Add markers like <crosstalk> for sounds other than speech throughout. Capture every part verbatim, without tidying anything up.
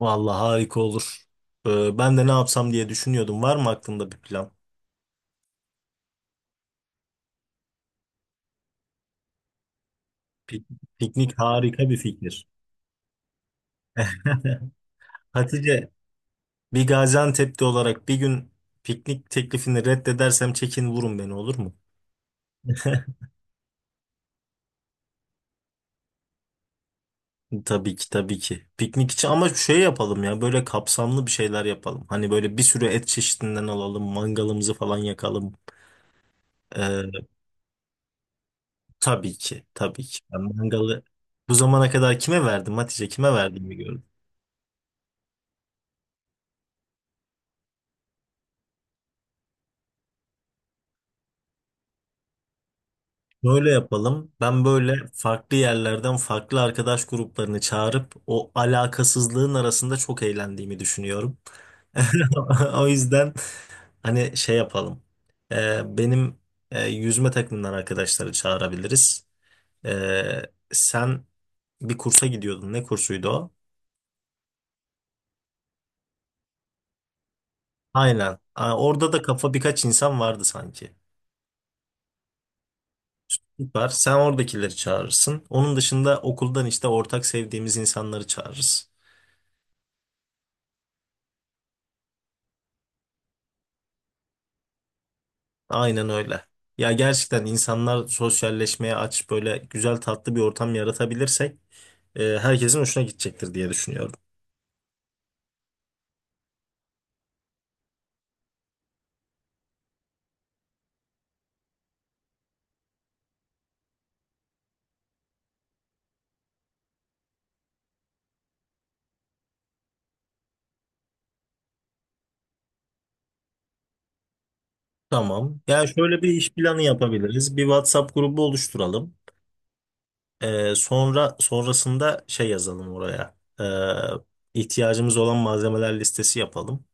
Vallahi harika olur. Ee, ben de ne yapsam diye düşünüyordum. Var mı aklında bir plan? Pik- Piknik harika bir fikir. <laughs> Hatice, bir Gaziantep'te olarak bir gün piknik teklifini reddedersem çekin vurun beni, olur mu? <laughs> Tabii ki, tabii ki. Piknik için ama şey yapalım, ya böyle kapsamlı bir şeyler yapalım. Hani böyle bir sürü et çeşidinden alalım, mangalımızı falan yakalım. Ee, tabii ki, tabii ki. Ben mangalı bu zamana kadar kime verdim Hatice, kime verdim bir… Böyle yapalım. Ben böyle farklı yerlerden farklı arkadaş gruplarını çağırıp o alakasızlığın arasında çok eğlendiğimi düşünüyorum. <laughs> O yüzden hani şey yapalım. Ee, benim e, yüzme takımından arkadaşları çağırabiliriz. Ee, Sen bir kursa gidiyordun. Ne kursuydu o? Aynen. Aa, orada da kafa birkaç insan vardı sanki. Süper. Sen oradakileri çağırırsın. Onun dışında okuldan işte ortak sevdiğimiz insanları çağırırız. Aynen öyle. Ya gerçekten insanlar sosyalleşmeye aç, böyle güzel tatlı bir ortam yaratabilirsek e, herkesin hoşuna gidecektir diye düşünüyorum. Tamam. Ya şöyle bir iş planı yapabiliriz. Bir WhatsApp grubu oluşturalım. E, sonra sonrasında şey yazalım oraya. E, ihtiyacımız olan malzemeler listesi yapalım.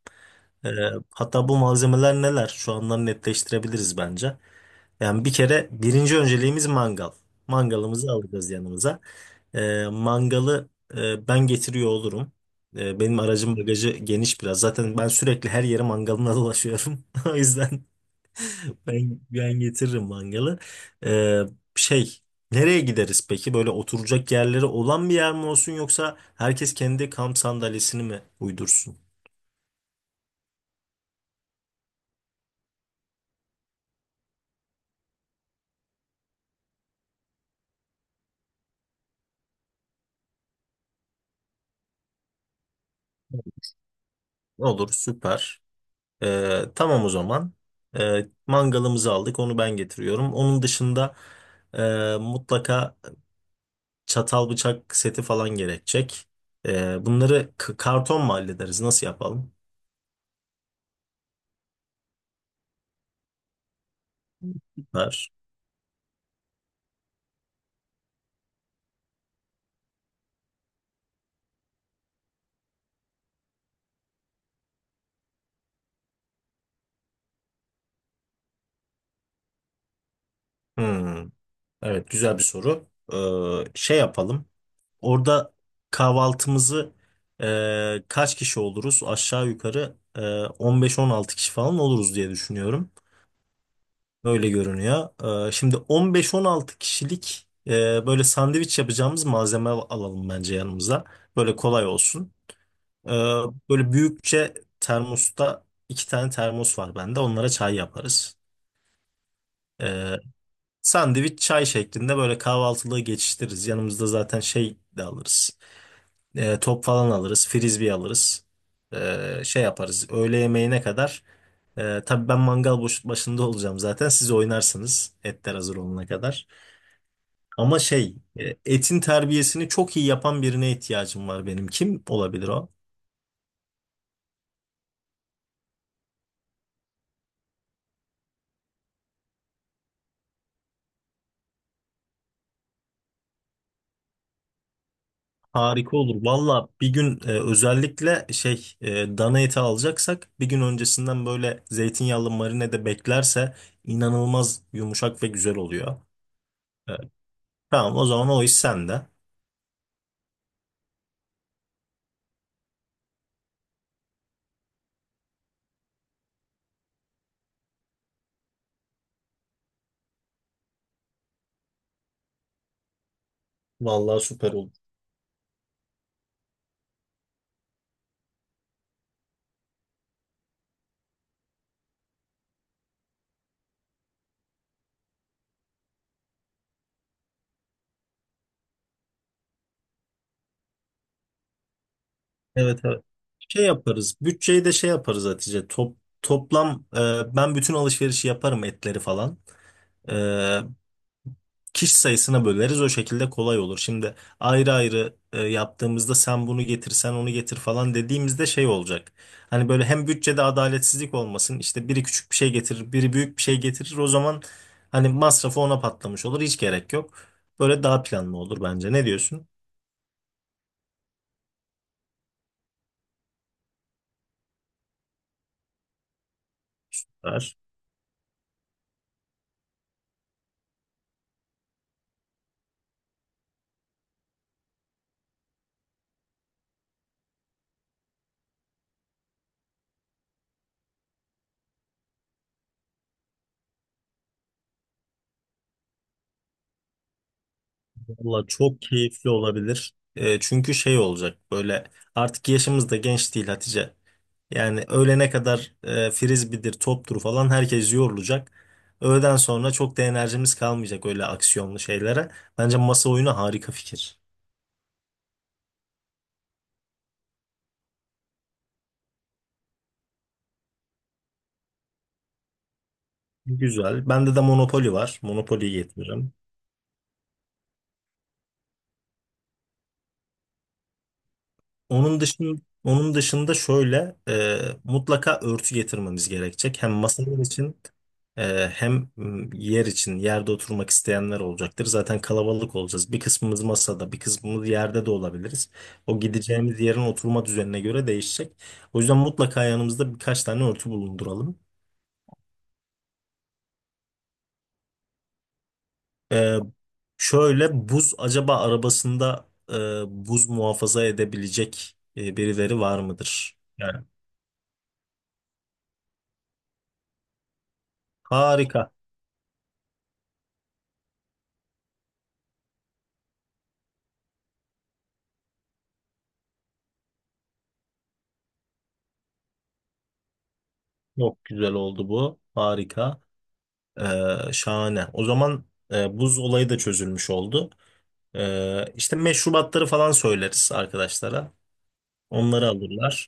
E, Hatta bu malzemeler neler? Şu andan netleştirebiliriz bence. Yani bir kere birinci önceliğimiz mangal. Mangalımızı alacağız yanımıza. Ee, mangalı e, ben getiriyor olurum. Ee, benim aracım bagajı geniş biraz. Zaten ben sürekli her yere mangalına dolaşıyorum. <laughs> O yüzden ben, ben getiririm mangalı. Ee, şey nereye gideriz peki? Böyle oturacak yerleri olan bir yer mi olsun, yoksa herkes kendi kamp sandalyesini mi uydursun? Olur, süper. Ee, tamam o zaman. Ee, mangalımızı aldık, onu ben getiriyorum. Onun dışında e, mutlaka çatal bıçak seti falan gerekecek. Ee, bunları k- karton mu hallederiz? Nasıl yapalım? Ver. Hmm, evet, güzel bir soru. Ee, şey yapalım. Orada kahvaltımızı e, kaç kişi oluruz? Aşağı yukarı e, on beş on altı kişi falan oluruz diye düşünüyorum. Öyle görünüyor. Ee, şimdi on beş on altı kişilik e, böyle sandviç yapacağımız malzeme alalım bence yanımıza. Böyle kolay olsun. Ee, Böyle büyükçe termosta iki tane termos var bende. Onlara çay yaparız. Ee, Sandviç çay şeklinde böyle kahvaltılığı geçiştiririz. Yanımızda zaten şey de alırız. Ee, top falan alırız. Frisbee alırız. Ee, şey yaparız. Öğle yemeğine kadar. Ee, tabii ben mangal boş- başında olacağım zaten. Siz oynarsınız etler hazır olana kadar. Ama şey, e, etin terbiyesini çok iyi yapan birine ihtiyacım var benim. Kim olabilir o? Harika olur. Valla bir gün e, özellikle şey, e, dana eti alacaksak bir gün öncesinden böyle zeytinyağlı marinede beklerse inanılmaz yumuşak ve güzel oluyor. E, tamam o zaman, o iş sende. Vallahi süper olur. Evet, evet. Şey yaparız. Bütçeyi de şey yaparız Hatice. Top, toplam e, ben bütün alışverişi yaparım, etleri falan. E, Kişi sayısına böleriz, o şekilde kolay olur. Şimdi ayrı ayrı e, yaptığımızda sen bunu getir sen onu getir falan dediğimizde şey olacak. Hani böyle hem bütçede adaletsizlik olmasın, işte biri küçük bir şey getirir biri büyük bir şey getirir, o zaman hani masrafı ona patlamış olur, hiç gerek yok. Böyle daha planlı olur bence, ne diyorsun? Valla çok keyifli olabilir. E, çünkü şey olacak, böyle artık yaşımız da genç değil Hatice. Yani öğlene kadar e, frisbee'dir, toptur falan, herkes yorulacak. Öğleden sonra çok da enerjimiz kalmayacak öyle aksiyonlu şeylere. Bence masa oyunu harika fikir. Güzel. Bende de Monopoly var. Monopoly'yi getiririm. Onun dışında onun dışında şöyle, e, mutlaka örtü getirmemiz gerekecek. Hem masalar için, e, hem m, yer için, yerde oturmak isteyenler olacaktır. Zaten kalabalık olacağız. Bir kısmımız masada, bir kısmımız yerde de olabiliriz. O gideceğimiz yerin oturma düzenine göre değişecek. O yüzden mutlaka yanımızda birkaç tane örtü bulunduralım. E, Şöyle buz, acaba arabasında e, buz muhafaza edebilecek e, birileri var mıdır? Yani harika. Çok güzel oldu bu. Harika. Ee, şahane. O zaman e, buz olayı da çözülmüş oldu. Ee, işte meşrubatları falan söyleriz arkadaşlara. Onları alırlar.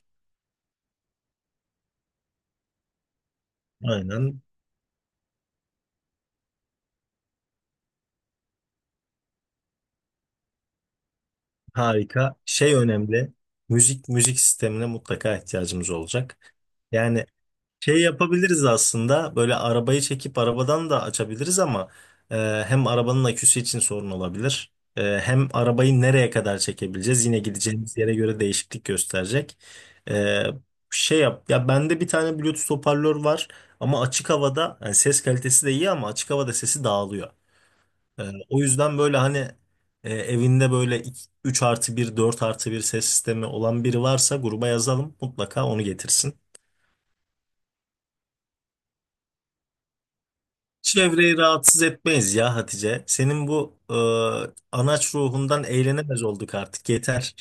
Aynen. Harika. Şey önemli. Müzik müzik sistemine mutlaka ihtiyacımız olacak. Yani şey yapabiliriz aslında, böyle arabayı çekip arabadan da açabiliriz ama e, hem arabanın aküsü için sorun olabilir. E, hem arabayı nereye kadar çekebileceğiz yine gideceğimiz yere göre değişiklik gösterecek. E, şey yap ya bende bir tane Bluetooth hoparlör var ama açık havada, yani ses kalitesi de iyi ama açık havada sesi dağılıyor. E, O yüzden böyle hani, e, evinde böyle üç artı bir, dört artı bir ses sistemi olan biri varsa gruba yazalım, mutlaka onu getirsin. Çevreyi rahatsız etmeyiz ya Hatice. Senin bu e, anaç ruhundan eğlenemez olduk artık, yeter.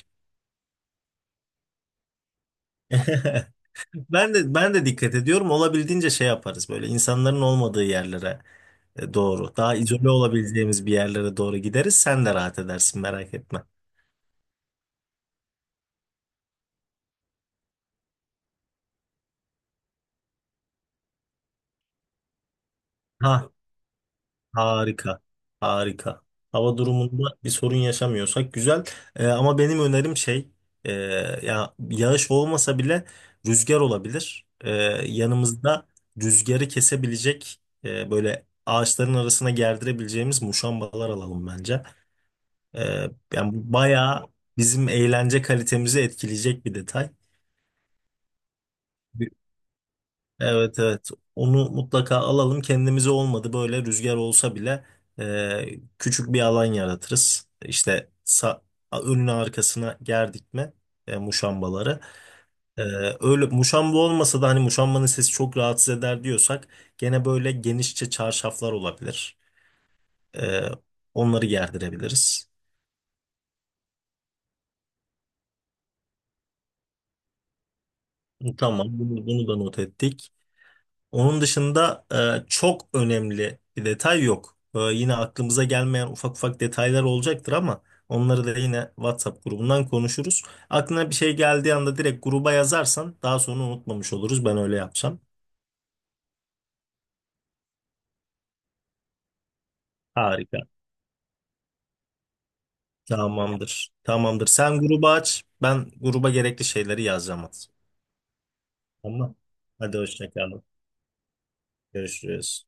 <laughs> Ben de ben de dikkat ediyorum. Olabildiğince şey yaparız, böyle insanların olmadığı yerlere e, doğru. Daha izole olabileceğimiz bir yerlere doğru gideriz. Sen de rahat edersin, merak etme. Ha, harika. Harika. Hava durumunda bir sorun yaşamıyorsak güzel. Ee, ama benim önerim şey, e, ya yağış olmasa bile rüzgar olabilir. Ee, yanımızda rüzgarı kesebilecek, e, böyle ağaçların arasına gerdirebileceğimiz muşambalar alalım bence. Ee, yani bu bayağı bizim eğlence kalitemizi etkileyecek bir detay. Evet, evet, onu mutlaka alalım kendimize, olmadı böyle rüzgar olsa bile e, küçük bir alan yaratırız, işte sa önüne arkasına gerdik mi e, muşambaları… E, öyle muşamba olmasa da hani muşambanın sesi çok rahatsız eder diyorsak gene böyle genişçe çarşaflar olabilir. E, Onları gerdirebiliriz. Tamam, bunu, bunu da not ettik. Onun dışında e, çok önemli bir detay yok. E, yine aklımıza gelmeyen ufak ufak detaylar olacaktır ama onları da yine WhatsApp grubundan konuşuruz. Aklına bir şey geldiği anda direkt gruba yazarsan daha sonra unutmamış oluruz. Ben öyle yapacağım. Harika. Tamamdır. Tamamdır. Sen grubu aç, ben gruba gerekli şeyleri yazacağım. Tamam. Hadi hoşça kalın. Görüşürüz.